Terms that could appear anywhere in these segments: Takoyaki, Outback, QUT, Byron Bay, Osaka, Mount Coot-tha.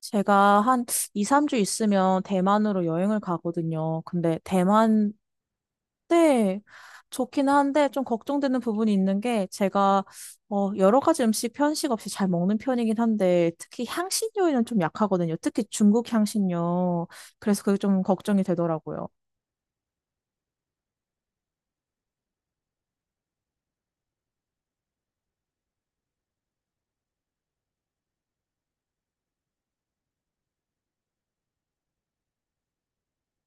제가 한 2, 3주 있으면 대만으로 여행을 가거든요. 근데 대만 때 좋기는 한데 좀 걱정되는 부분이 있는 게 제가 여러 가지 음식 편식 없이 잘 먹는 편이긴 한데 특히 향신료에는 좀 약하거든요. 특히 중국 향신료. 그래서 그게 좀 걱정이 되더라고요.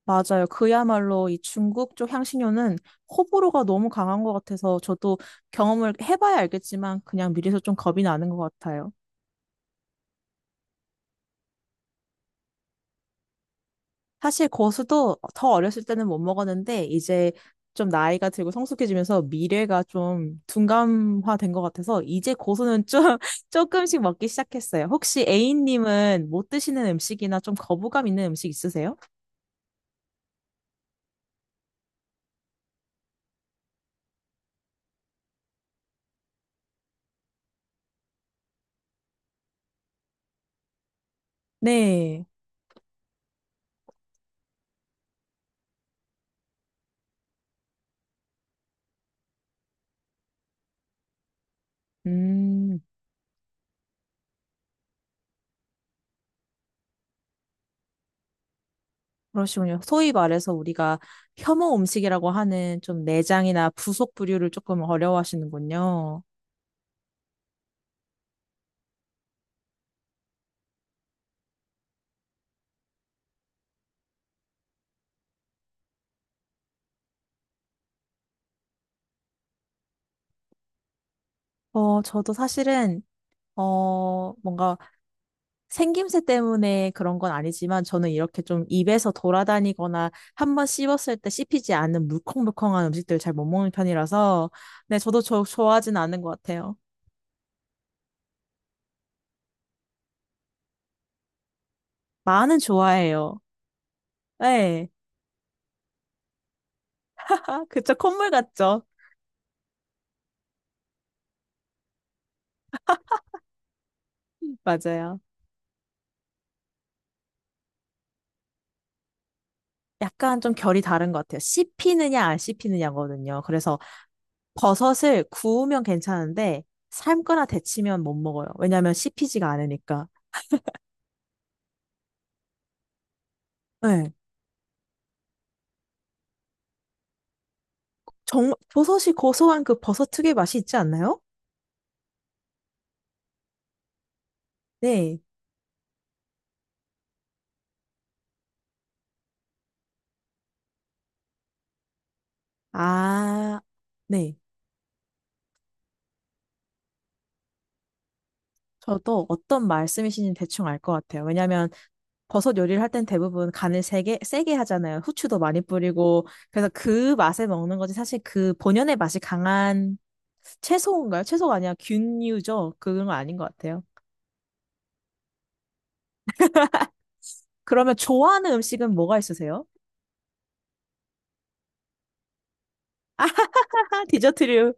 맞아요. 그야말로 이 중국 쪽 향신료는 호불호가 너무 강한 것 같아서 저도 경험을 해봐야 알겠지만 그냥 미리서 좀 겁이 나는 것 같아요. 사실 고수도 더 어렸을 때는 못 먹었는데 이제 좀 나이가 들고 성숙해지면서 미래가 좀 둔감화된 것 같아서 이제 고수는 좀 조금씩 먹기 시작했어요. 혹시 A님은 못 드시는 음식이나 좀 거부감 있는 음식 있으세요? 네. 음, 그러시군요. 소위 말해서 우리가 혐오 음식이라고 하는 좀 내장이나 부속 부류를 조금 어려워하시는군요. 저도 사실은 뭔가 생김새 때문에 그런 건 아니지만 저는 이렇게 좀 입에서 돌아다니거나 한번 씹었을 때 씹히지 않는 물컹물컹한 음식들 잘 못 먹는 편이라서 네, 저도 저 좋아하진 않은 것 같아요. 마는 좋아해요. 네. 아, 그쵸. 콧물 같죠? 맞아요. 약간 좀 결이 다른 것 같아요. 씹히느냐 안 씹히느냐거든요. 그래서 버섯을 구우면 괜찮은데 삶거나 데치면 못 먹어요. 왜냐면 씹히지가 않으니까. 네. 정말 버섯이 고소한 그 버섯 특유의 맛이 있지 않나요? 네. 아, 네. 저도 어떤 말씀이신지 대충 알 것 같아요. 왜냐면 버섯 요리를 할 땐 대부분 간을 세게 하잖아요. 후추도 많이 뿌리고. 그래서 그 맛에 먹는 거지. 사실 그 본연의 맛이 강한 채소인가요? 채소가 아니라 균류죠. 그건 아닌 것 같아요. 그러면 좋아하는 음식은 뭐가 있으세요? 디저트류.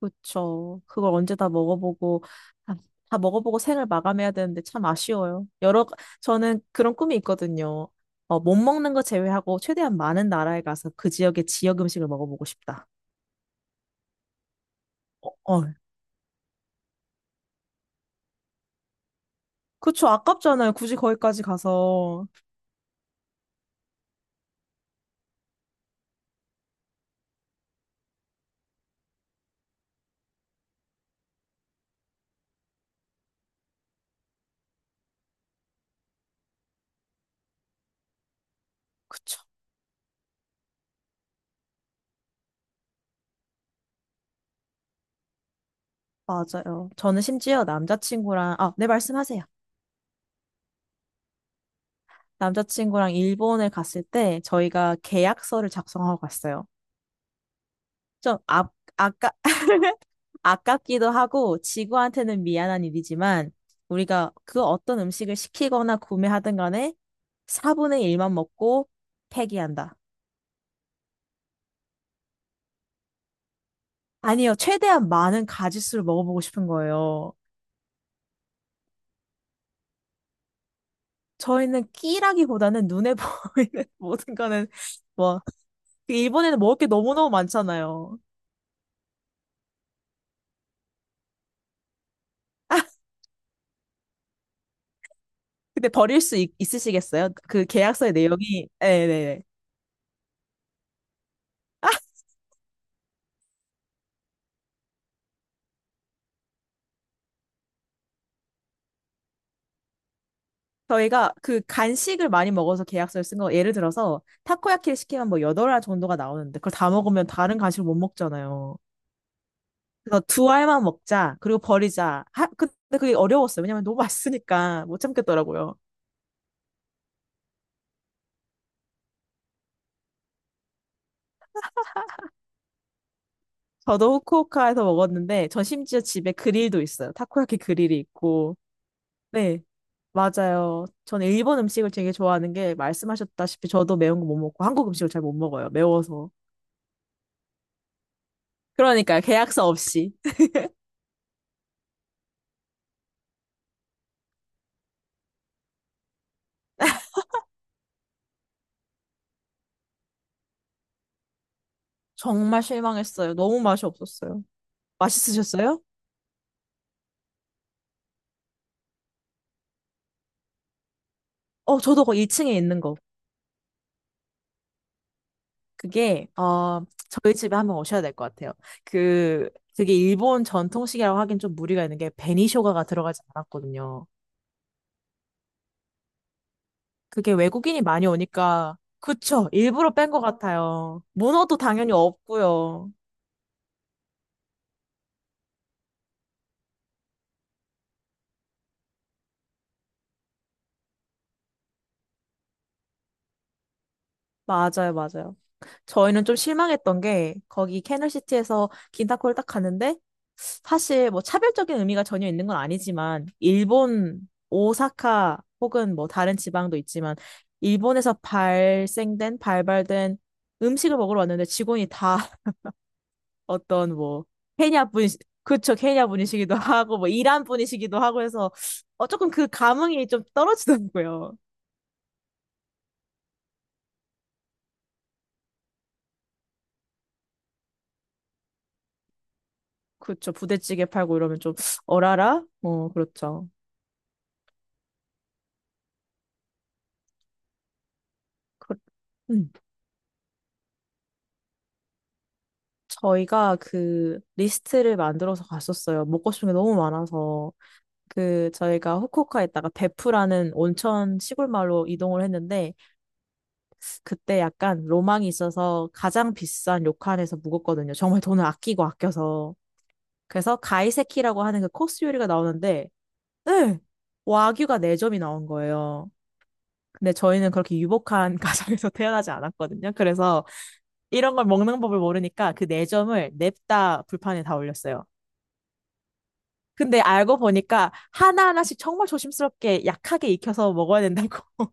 그쵸. 그걸 언제 다 먹어보고, 아, 다 먹어보고 생을 마감해야 되는데 참 아쉬워요. 여러, 저는 그런 꿈이 있거든요. 못 먹는 거 제외하고 최대한 많은 나라에 가서 그 지역의 지역 음식을 먹어보고 싶다. 어, 어. 그쵸. 아깝잖아요. 굳이 거기까지 가서. 그쵸. 맞아요. 저는 심지어 남자친구랑, 아, 네, 말씀하세요. 남자친구랑 일본에 갔을 때 저희가 계약서를 작성하고 갔어요. 좀 아, 아까, 아깝기도 하고 지구한테는 미안한 일이지만 우리가 그 어떤 음식을 시키거나 구매하든 간에 4분의 1만 먹고 폐기한다. 아니요, 최대한 많은 가짓수를 먹어보고 싶은 거예요. 저희는 끼라기보다는 눈에 보이는 모든 거는 뭐 그 일본에는 먹을 게 너무너무 많잖아요. 근데 버릴 수 있으시겠어요? 그 계약서의 내용이 네네네. 저희가 그 간식을 많이 먹어서 계약서를 쓴 거, 예를 들어서 타코야키를 시키면 뭐 8알 정도가 나오는데 그걸 다 먹으면 다른 간식을 못 먹잖아요. 그래서 두 알만 먹자, 그리고 버리자. 하, 근데 그게 어려웠어요. 왜냐면 너무 맛있으니까 못 참겠더라고요. 저도 후쿠오카에서 먹었는데 전 심지어 집에 그릴도 있어요. 타코야키 그릴이 있고. 네, 맞아요. 저는 일본 음식을 되게 좋아하는 게 말씀하셨다시피 저도 매운 거 못 먹고 한국 음식을 잘 못 먹어요. 매워서. 그러니까 계약서 없이. 정말 실망했어요. 너무 맛이 없었어요. 맛있으셨어요? 어, 저도 그 1층에 있는 거. 그게, 어, 저희 집에 한번 오셔야 될 것 같아요. 그, 그게 일본 전통식이라고 하긴 좀 무리가 있는 게 베니쇼가가 들어가지 않았거든요. 그게 외국인이 많이 오니까, 그쵸. 일부러 뺀 것 같아요. 문어도 당연히 없고요. 맞아요, 맞아요. 저희는 좀 실망했던 게, 거기 캐널시티에서 긴타코를 딱 갔는데, 사실 뭐 차별적인 의미가 전혀 있는 건 아니지만 일본 오사카 혹은 뭐 다른 지방도 있지만 일본에서 발생된 발발된 음식을 먹으러 왔는데 직원이 다 어떤 뭐 케냐 분 그쵸 케냐 분이시기도 하고 뭐 이란 분이시기도 하고 해서 어 조금 그 감흥이 좀 떨어지더라고요. 그쵸 부대찌개 팔고 이러면 좀 어라라 어 그렇죠. 그- 음. 저희가 그 리스트를 만들어서 갔었어요. 먹고 싶은 게 너무 많아서. 그 저희가 후쿠오카에 있다가 베프라는 온천 시골 마을로 이동을 했는데 그때 약간 로망이 있어서 가장 비싼 료칸에서 묵었거든요. 정말 돈을 아끼고 아껴서. 그래서 가이세키라고 하는 그 코스 요리가 나오는데 네! 와규가 네점이 나온 거예요. 근데 저희는 그렇게 유복한 가정에서 태어나지 않았거든요. 그래서 이런 걸 먹는 법을 모르니까 그 네점을 냅다 불판에 다 올렸어요. 근데 알고 보니까 하나하나씩 정말 조심스럽게 약하게 익혀서 먹어야 된다고.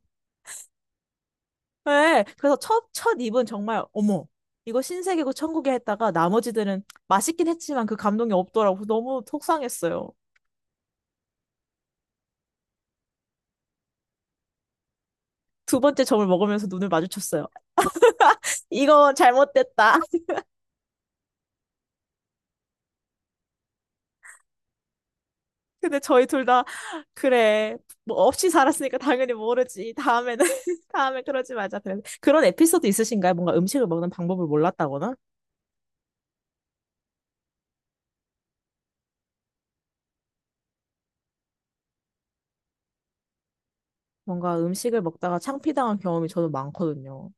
네, 그래서 첫 입은 정말, 어머, 이거 신세계고 천국에 했다가 나머지들은 맛있긴 했지만 그 감동이 없더라고. 그래서 너무 속상했어요. 두 번째 점을 먹으면서 눈을 마주쳤어요. 이거 잘못됐다. 근데 저희 둘 다, 그래, 뭐 없이 살았으니까 당연히 모르지. 다음에는, 다음에 그러지 말자. 그래서 그런 에피소드 있으신가요? 뭔가 음식을 먹는 방법을 몰랐다거나? 뭔가 음식을 먹다가 창피당한 경험이 저는 많거든요.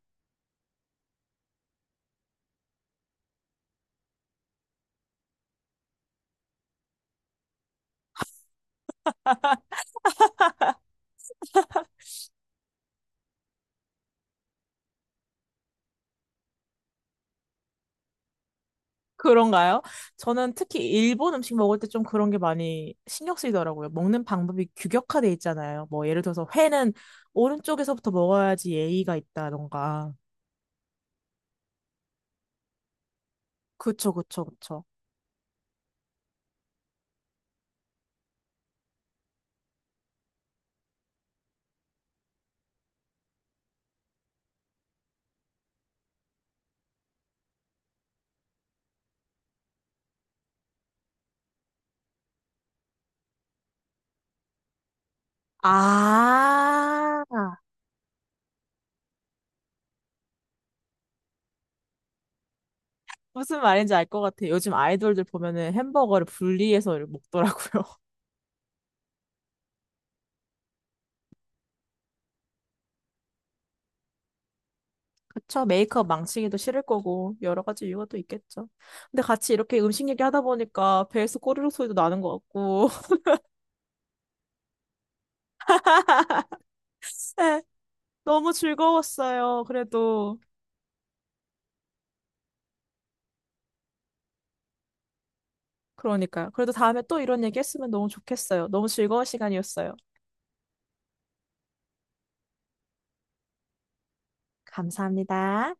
그런가요? 저는 특히 일본 음식 먹을 때 좀 그런 게 많이 신경 쓰이더라고요. 먹는 방법이 규격화돼 있잖아요. 뭐 예를 들어서 회는 오른쪽에서부터 먹어야지 예의가 있다던가. 그쵸. 아, 무슨 말인지 알 것 같아요. 요즘 아이돌들 보면은 햄버거를 분리해서 먹더라고요. 그쵸, 메이크업 망치기도 싫을 거고, 여러 가지 이유가 또 있겠죠. 근데 같이 이렇게 음식 얘기하다 보니까 배에서 꼬르륵 소리도 나는 것 같고. 네, 너무 즐거웠어요. 그래도. 그러니까요. 그래도 다음에 또 이런 얘기 했으면 너무 좋겠어요. 너무 즐거운 시간이었어요. 감사합니다.